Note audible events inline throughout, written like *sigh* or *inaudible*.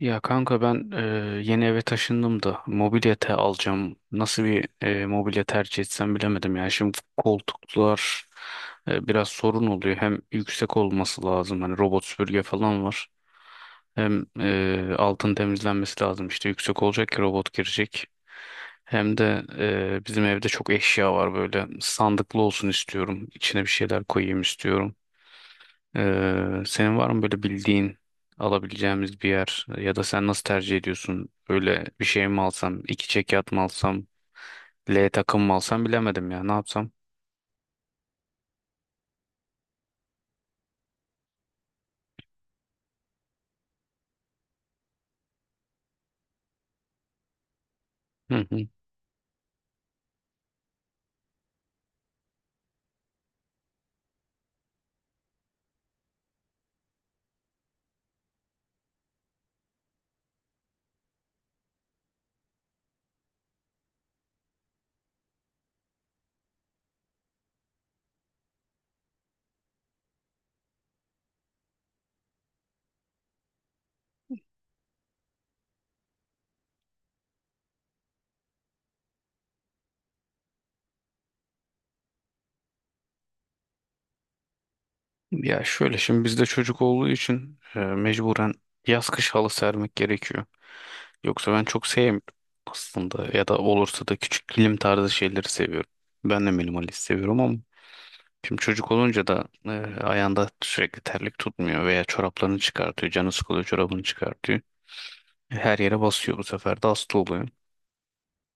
Ya kanka yeni eve taşındım da mobilyete alacağım. Nasıl bir mobilya tercih etsem bilemedim ya. Şimdi koltuklar biraz sorun oluyor. Hem yüksek olması lazım. Hani robot süpürge falan var. Hem altın temizlenmesi lazım. İşte yüksek olacak ki robot girecek. Hem de bizim evde çok eşya var böyle. Sandıklı olsun istiyorum. İçine bir şeyler koyayım istiyorum. Senin var mı böyle bildiğin alabileceğimiz bir yer ya da sen nasıl tercih ediyorsun? Öyle bir şey mi alsam, iki çekyat mı alsam, L takım mı alsam bilemedim ya ne yapsam? Hı hı. Ya şöyle şimdi bizde çocuk olduğu için mecburen yaz kış halı sermek gerekiyor. Yoksa ben çok sevmiyorum aslında ya da olursa da küçük kilim tarzı şeyleri seviyorum. Ben de minimalist seviyorum ama şimdi çocuk olunca da ayağında sürekli terlik tutmuyor veya çoraplarını çıkartıyor, canı sıkılıyor çorabını çıkartıyor. Her yere basıyor bu sefer de hasta oluyor.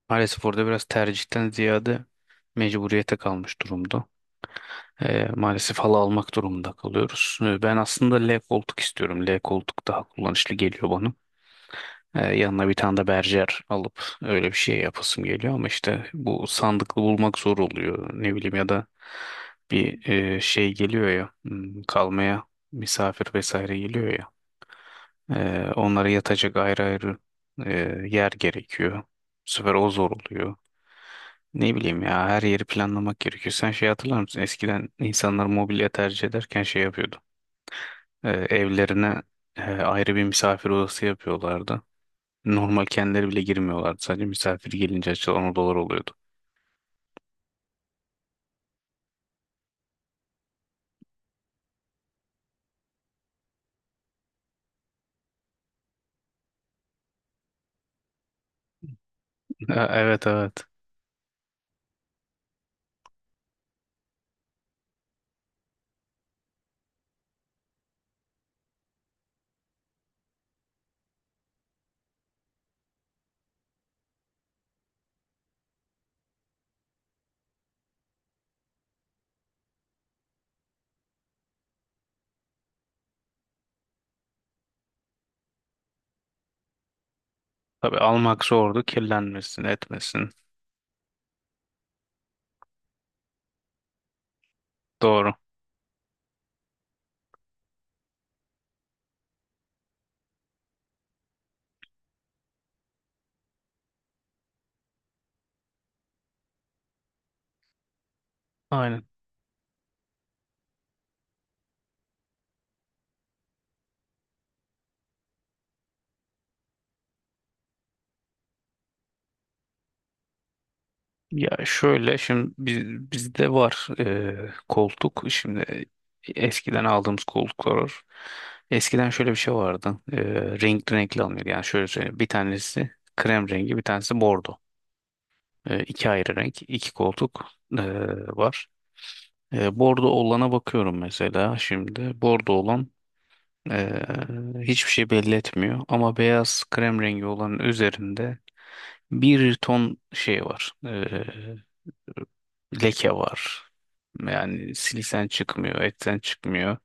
Maalesef orada biraz tercihten ziyade mecburiyete kalmış durumda. Maalesef halı almak durumunda kalıyoruz. Ben aslında L koltuk istiyorum. L koltuk daha kullanışlı geliyor bana. Yanına bir tane de berjer alıp öyle bir şey yapasım geliyor ama işte bu sandıklı bulmak zor oluyor. Ne bileyim ya da bir şey geliyor ya kalmaya misafir vesaire geliyor ya. Onlara yatacak ayrı ayrı e, yer gerekiyor. Bu sefer o zor oluyor. Ne bileyim ya her yeri planlamak gerekiyor. Sen şey hatırlar mısın? Eskiden insanlar mobilya tercih ederken şey yapıyordu. Evlerine ayrı bir misafir odası yapıyorlardı. Normal kendileri bile girmiyorlardı. Sadece misafir gelince açılan odalar oluyordu. *laughs* Ha, evet evet. Tabii almak zordu. Kirlenmesin, etmesin. Doğru. Aynen. Ya şöyle şimdi biz, bizde var koltuk. Şimdi eskiden aldığımız koltuklar var. Eskiden şöyle bir şey vardı. Renkli renkli alınıyordu. Yani şöyle söyleyeyim. Bir tanesi krem rengi, bir tanesi bordo. İki ayrı renk, iki koltuk e, var. Bordo olana bakıyorum mesela şimdi. Bordo olan e, hiçbir şey belli etmiyor. Ama beyaz krem rengi olanın üzerinde bir ton şey var. Leke var. Yani silisen çıkmıyor, etten çıkmıyor.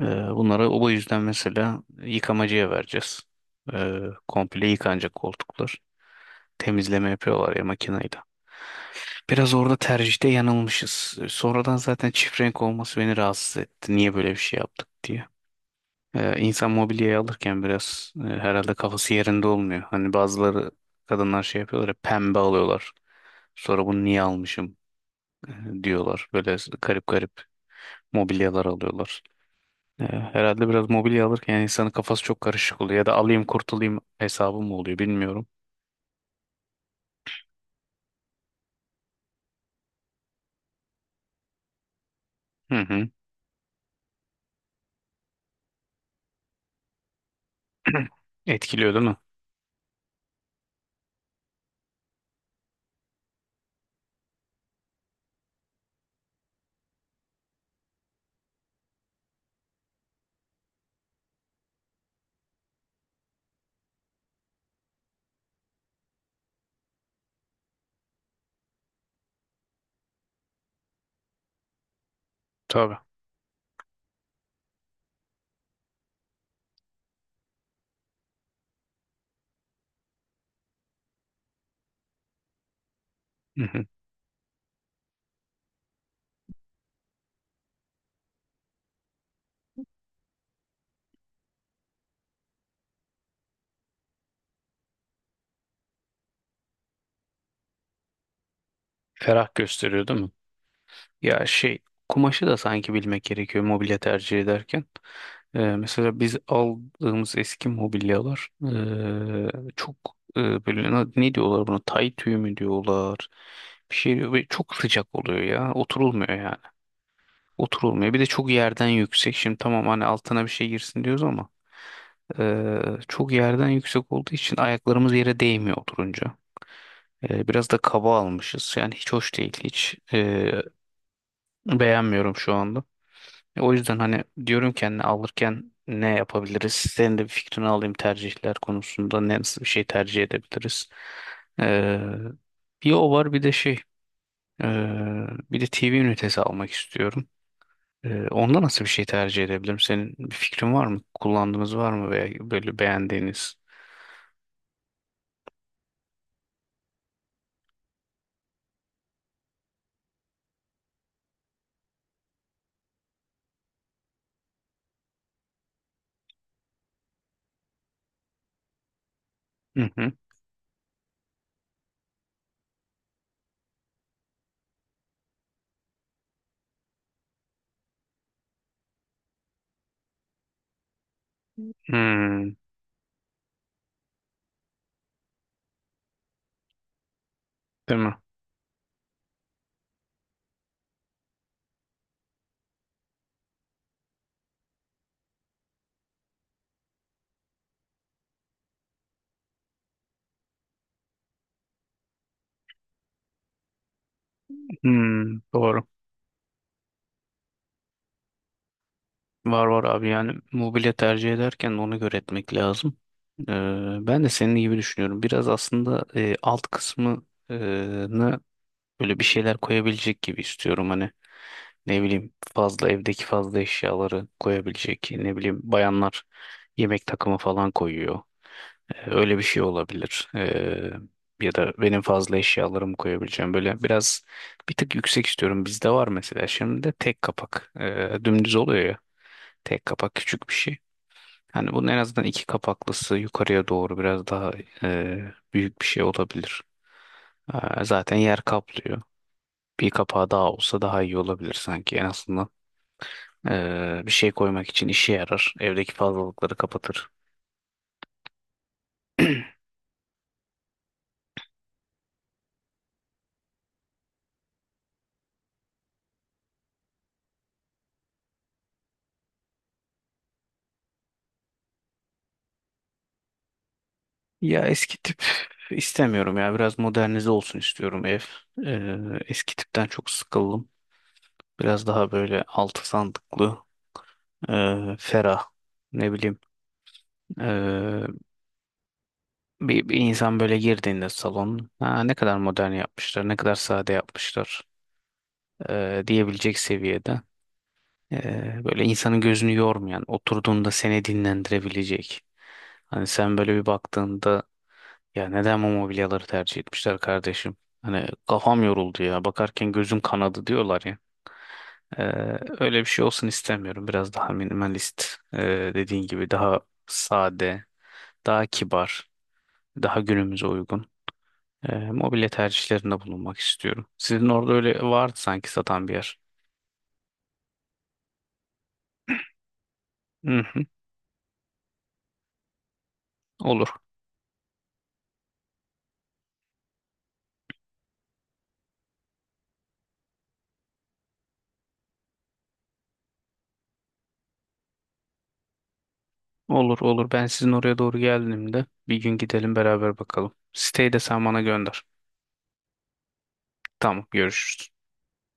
Ee, Bunları o yüzden mesela yıkamacıya vereceğiz. Ee, Komple yıkanacak koltuklar. Temizleme yapıyorlar ya makineyle. Biraz orada tercihte yanılmışız. Sonradan zaten çift renk olması beni rahatsız etti. Niye böyle bir şey yaptık diye. İnsan mobilyayı alırken biraz herhalde kafası yerinde olmuyor. Hani bazıları kadınlar şey yapıyorlar ya pembe alıyorlar. Sonra bunu niye almışım e, diyorlar. Böyle garip garip mobilyalar alıyorlar. Herhalde biraz mobilya alırken yani insanın kafası çok karışık oluyor ya da alayım kurtulayım hesabı mı oluyor bilmiyorum. Hı hı. *clears throat* Etkiliyor değil mi? Tabii. Hı hı. Ferah gösteriyor değil mi? Ya şey kumaşı da sanki bilmek gerekiyor mobilya tercih ederken. Mesela biz aldığımız eski mobilyalar çok böyle ne, ne diyorlar buna? Tay tüyü mü diyorlar? Bir şey diyor ve çok sıcak oluyor ya. Oturulmuyor yani. Oturulmuyor. Bir de çok yerden yüksek. Şimdi tamam hani altına bir şey girsin diyoruz ama eee, çok yerden yüksek olduğu için ayaklarımız yere değmiyor oturunca. Biraz da kaba almışız. Yani hiç hoş değil. Hiç beğenmiyorum şu anda. O yüzden hani diyorum ki hani alırken ne yapabiliriz? Senin de bir fikrini alayım tercihler konusunda. Ne, nasıl bir şey tercih edebiliriz? Eee, Bir o var bir de şey bir de TV ünitesi almak istiyorum. Onda nasıl bir şey tercih edebilirim? Senin bir fikrin var mı? Kullandığınız var mı veya böyle beğendiğiniz? Hı hı. Hmm, değil mi? Hmm, doğru. Var var abi yani mobilya tercih ederken ona göre etmek lazım. Ee, Ben de senin gibi düşünüyorum. Biraz aslında alt kısmını böyle bir şeyler koyabilecek gibi istiyorum hani ne bileyim fazla evdeki fazla eşyaları koyabilecek ne bileyim bayanlar yemek takımı falan koyuyor. Öyle bir şey olabilir. Ya da benim fazla eşyalarımı koyabileceğim böyle biraz bir tık yüksek istiyorum. Bizde var mesela şimdi de tek kapak, dümdüz oluyor ya tek kapak küçük bir şey. Hani bunun en azından iki kapaklısı yukarıya doğru biraz daha büyük bir şey olabilir. Zaten yer kaplıyor. Bir kapağı daha olsa daha iyi olabilir sanki. En azından bir şey koymak için işe yarar. Evdeki fazlalıkları kapatır. *clears throat* Ya eski tip istemiyorum ya. Biraz modernize olsun istiyorum ev. Eee, Eski tipten çok sıkıldım. Biraz daha böyle altı sandıklı, ferah. Ne bileyim. eee, bir insan böyle girdiğinde salon, ha, ne kadar modern yapmışlar, ne kadar sade yapmışlar diyebilecek seviyede. Böyle insanın gözünü yormayan, oturduğunda seni dinlendirebilecek. Hani sen böyle bir baktığında ya neden bu mobilyaları tercih etmişler kardeşim? Hani kafam yoruldu ya bakarken gözüm kanadı diyorlar ya. Ee, Öyle bir şey olsun istemiyorum. Biraz daha minimalist, ee, dediğin gibi daha sade, daha kibar, daha günümüze uygun. Mobilya tercihlerinde bulunmak istiyorum. Sizin orada öyle vardı sanki satan bir yer. Hı hı, olur. Olur olur. Ben sizin oraya doğru geldiğimde bir gün gidelim beraber bakalım. Siteyi de sen bana gönder. Tamam, görüşürüz.